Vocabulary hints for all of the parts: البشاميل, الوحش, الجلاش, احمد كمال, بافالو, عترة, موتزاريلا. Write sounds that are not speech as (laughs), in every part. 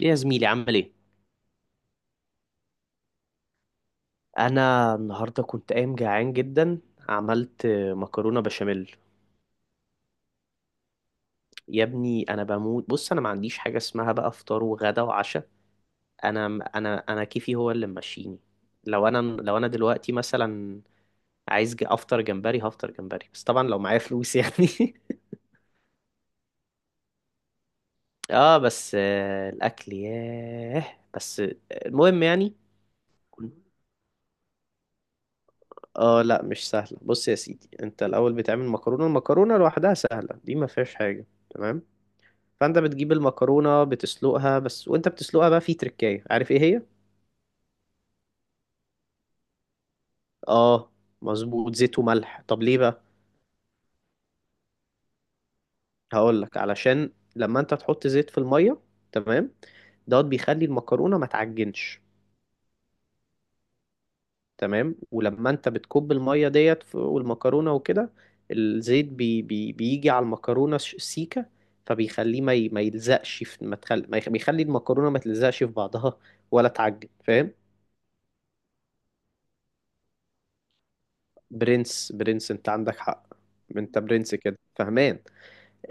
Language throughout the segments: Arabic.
ايه يا زميلي، عامل ايه؟ انا النهارده كنت قايم جعان جدا. عملت مكرونه بشاميل. يا ابني انا بموت، بص انا ما عنديش حاجه اسمها بقى فطار وغدا وعشاء. انا انا كيفي هو اللي ماشيني. لو انا دلوقتي مثلا عايز افطر جمبري، هفطر جمبري، بس طبعا لو معايا فلوس يعني. (laughs) اه بس، الاكل ياه، بس المهم يعني. كنت- اه لا، مش سهله. بص يا سيدي، انت الاول بتعمل مكرونه، المكرونه لوحدها سهله، دي ما فيهاش حاجه، تمام. فانت بتجيب المكرونه بتسلقها بس، وانت بتسلقها بقى في تركايه، عارف ايه هي؟ اه مظبوط، زيت وملح، طب ليه بقى؟ هقول لك. علشان لما انت تحط زيت في الميه، تمام، دوت بيخلي المكرونه ما تعجنش. تمام، ولما انت بتكب الميه ديت والمكرونه وكده، الزيت بي بيجي على المكرونه سيكه. فبيخليه ما يلزقش في، ما تخل... ما يخ- بيخلي المكرونه ما تلزقش في بعضها، ولا تعجن، فاهم. برنس برنس، انت عندك حق. انت برنس كده، فهمان.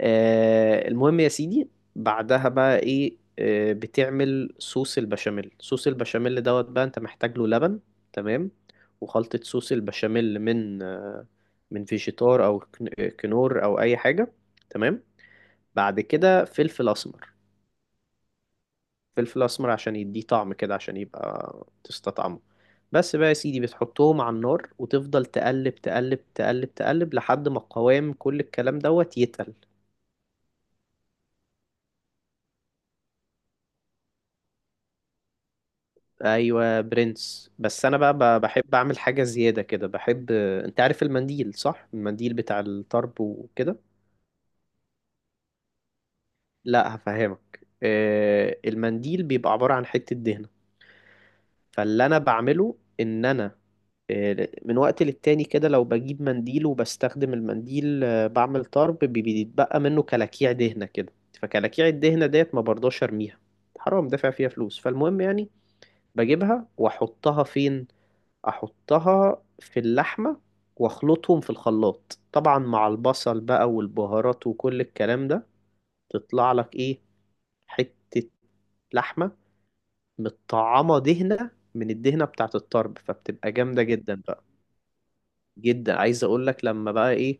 آه المهم يا سيدي، بعدها بقى ايه؟ آه بتعمل صوص البشاميل، صوص البشاميل دوت بقى انت محتاج له لبن، تمام. وخلطة صوص البشاميل من، من فيجيتار او كنور او اي حاجة، تمام. بعد كده فلفل اسمر، فلفل اسمر عشان يديه طعم كده، عشان يبقى تستطعمه. بس بقى يا سيدي، بتحطهم على النار وتفضل تقلب تقلب تقلب تقلب لحد ما قوام كل الكلام دوت يتقل. ايوه برنس، بس انا بقى بحب اعمل حاجه زياده كده، بحب، انت عارف المنديل، صح؟ المنديل بتاع الطرب وكده. لا هفهمك، المنديل بيبقى عباره عن حته دهنه. فاللي انا بعمله ان انا، من وقت للتاني كده لو بجيب منديل وبستخدم المنديل، بعمل طرب بيتبقى منه كلاكيع دهنة كده. فكلاكيع الدهنة ديت ما برضاش ارميها، حرام دافع فيها فلوس. فالمهم يعني بجيبها واحطها فين؟ احطها في اللحمة، واخلطهم في الخلاط طبعا مع البصل بقى والبهارات وكل الكلام ده. تطلع لك ايه؟ حتة لحمة متطعمة دهنة من الدهنة بتاعت الطرب، فبتبقى جامدة جدا بقى. جدا، عايز اقول لك لما بقى ايه،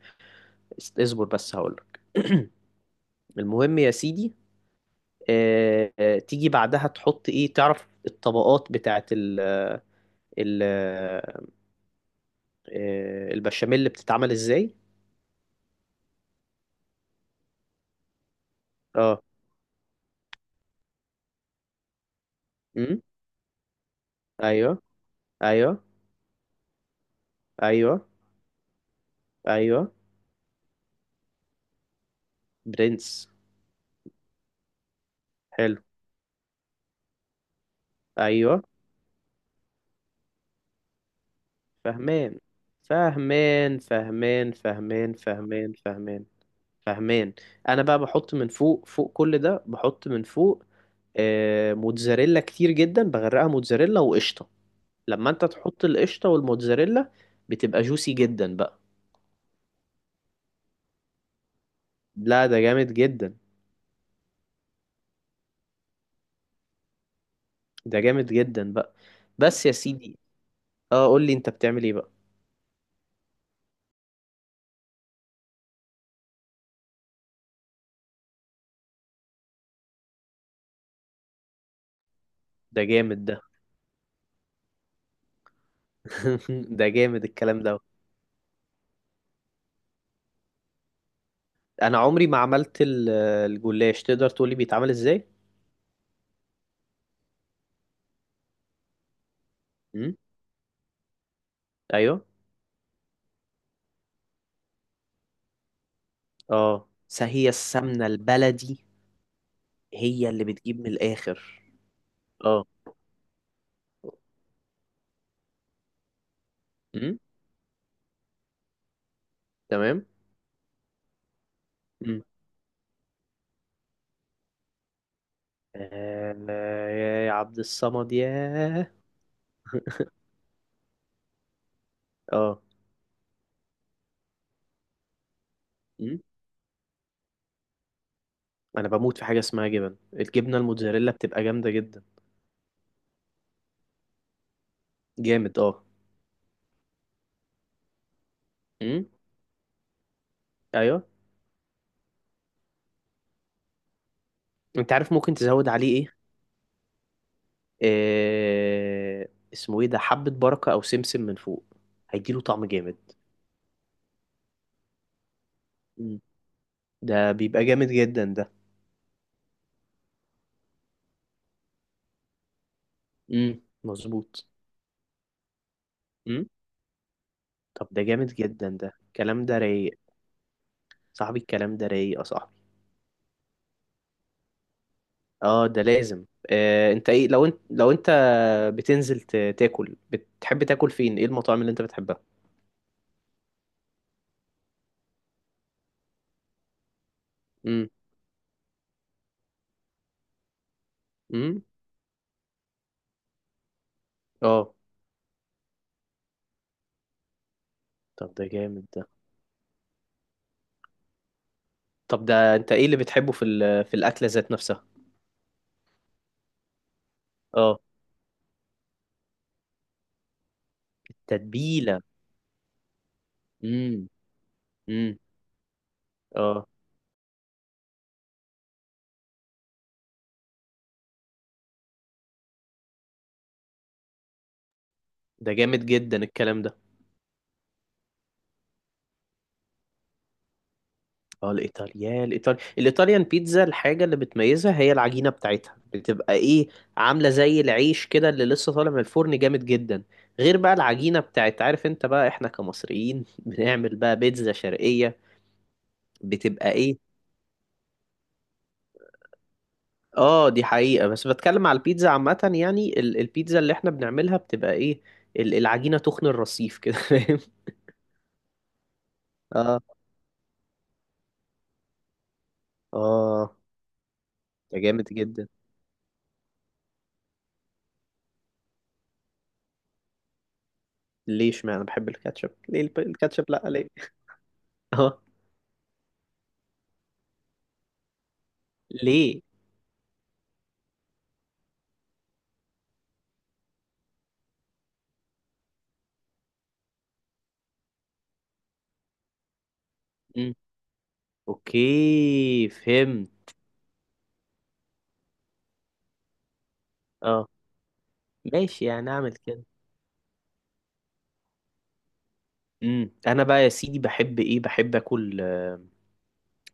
اصبر بس هقولك. (clears throat) المهم يا سيدي، تيجي بعدها تحط ايه، تعرف الطبقات بتاعت ال ال آه، البشاميل اللي بتتعمل ازاي؟ اه، امم، ايوه، ايوه، ايوه، ايوه، برنس، حلو، ايوه، فهمان فهمان فهمان فهمان فهمان فهمان فهمان. انا بقى بحط من فوق، فوق كل ده بحط من فوق، موتزاريلا كتير جدا، بغرقها موتزاريلا وقشطه. لما انت تحط القشطة والموتزاريلا بتبقى جوسي جدا بقى. لا ده جامد جدا، ده جامد جدا بقى. بس يا سيدي، اه قول لي انت بتعمل ايه بقى؟ ده جامد ده. (laughs) ده جامد الكلام ده. انا عمري ما عملت الجلاش، تقدر تقولي بيتعمل ازاي؟ امم، ايوه، اه هي السمنة البلدي. هي اللي بتجيب من الاخر. اه، امم، تمام، امم، آه، يا عبد الصمد يا. اه. انا بموت في حاجه اسمها جبن، الجبنه الموتزاريلا بتبقى جامده جدا. جامد اه. امم، ايوه، انت عارف ممكن تزود عليه ايه؟ اسمه ايه ده، حبه بركه او سمسم من فوق، هيديله طعم جامد. مم. ده بيبقى جامد جدا ده. مظبوط. امم، طب ده جامد جدا ده، الكلام ده رايق. صاحبي الكلام ده رايق يا صاحبي. اه ده لازم. آه، انت ايه لو انت، لو انت بتنزل تاكل، بتحب تاكل فين؟ ايه المطاعم اللي انت بتحبها؟ امم، امم، اه طب ده جامد ده. طب ده، انت ايه اللي بتحبه في في الاكله ذات نفسها؟ اه التتبيله. امم، امم، اه ده جامد جدا الكلام ده. اه، الايطاليان بيتزا، الحاجه اللي بتميزها هي العجينه بتاعتها، بتبقى ايه؟ عامله زي العيش كده اللي لسه طالع من الفرن، جامد جدا. غير بقى العجينه بتاعت، عارف انت بقى احنا كمصريين، (laughs) بنعمل بقى بيتزا شرقيه، بتبقى ايه؟ اه دي حقيقة، بس بتكلم على البيتزا عامة يعني، البيتزا اللي احنا بنعملها بتبقى ايه؟ العجينة تخن الرصيف كده، (laughs) فاهم. اه، اه ده جامد جدا. ليه اشمعنى انا بحب الكاتشب، ليه الكاتشب، لا ليه؟ (laughs) اه ليه؟ امم اوكي، فهمت. اه ماشي، يعني اعمل كده. امم، انا بقى يا سيدي بحب ايه، بحب اكل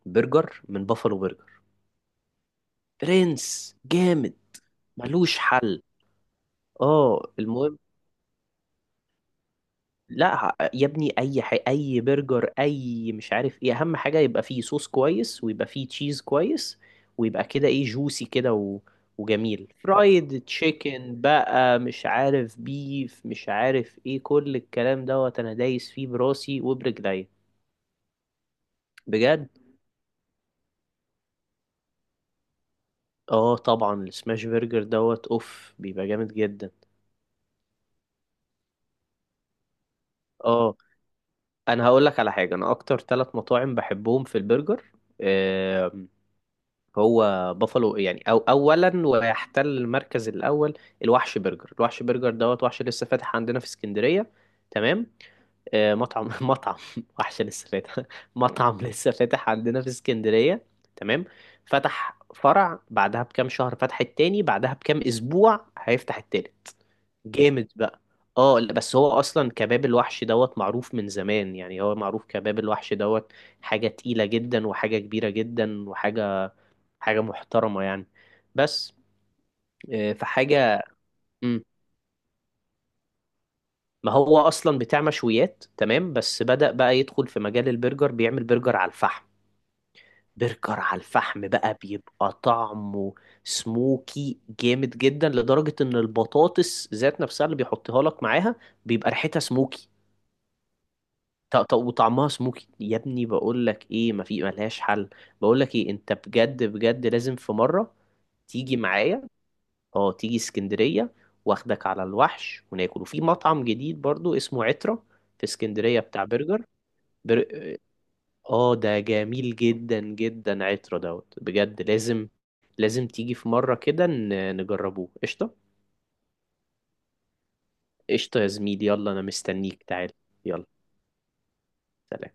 برجر من بافالو برجر. برنس جامد. ملوش حل. اه المهم، لا يا ابني اي برجر اي مش عارف ايه، اهم حاجه يبقى فيه صوص كويس، ويبقى فيه تشيز كويس، ويبقى كده ايه جوسي كده، و... وجميل، فرايد تشيكن بقى، مش عارف بيف، مش عارف ايه، كل الكلام دوت انا دايس فيه براسي وبرجلي. بجد، اه طبعا السماش برجر دوت اوف بيبقى جامد جدا. اه انا هقول لك على حاجه، انا اكتر ثلاث مطاعم بحبهم في البرجر. هو بافالو يعني، أو أولا ويحتل المركز الأول. الوحش برجر، الوحش برجر دوت، وحش لسه فاتح عندنا في اسكندرية، تمام. مطعم، (laughs) مطعم وحش لسه فاتح، (laughs) مطعم لسه فاتح عندنا في اسكندرية، تمام. فتح فرع، بعدها بكام شهر فتح التاني، بعدها بكام أسبوع هيفتح التالت. جامد بقى. اه لا، بس هو اصلا كباب الوحش دوت معروف من زمان يعني، هو معروف كباب الوحش دوت. حاجة تقيلة جدا، وحاجة كبيرة جدا، وحاجة، حاجة محترمة يعني. بس فحاجة. مم. ما هو أصلا بتاع مشويات، تمام، بس بدأ بقى يدخل في مجال البرجر، بيعمل برجر على الفحم. برجر على الفحم بقى بيبقى طعمه سموكي جامد جدا، لدرجة إن البطاطس ذات نفسها اللي بيحطها لك معاها بيبقى ريحتها سموكي. وطعمها سموكي يا ابني، بقول لك ايه، ما في، ملهاش حل. بقول لك ايه، انت بجد بجد لازم في مرة تيجي معايا. اه تيجي اسكندرية، واخدك على الوحش وناكل، وفي مطعم جديد برضو اسمه عترة، في اسكندرية، بتاع برجر. بر... اه ده جميل جدا جدا، عترة دوت، بجد لازم، لازم تيجي في مرة كده نجربوه، قشطة. قشطة يا زميلي، يلا انا مستنيك، تعال. يلا سلام.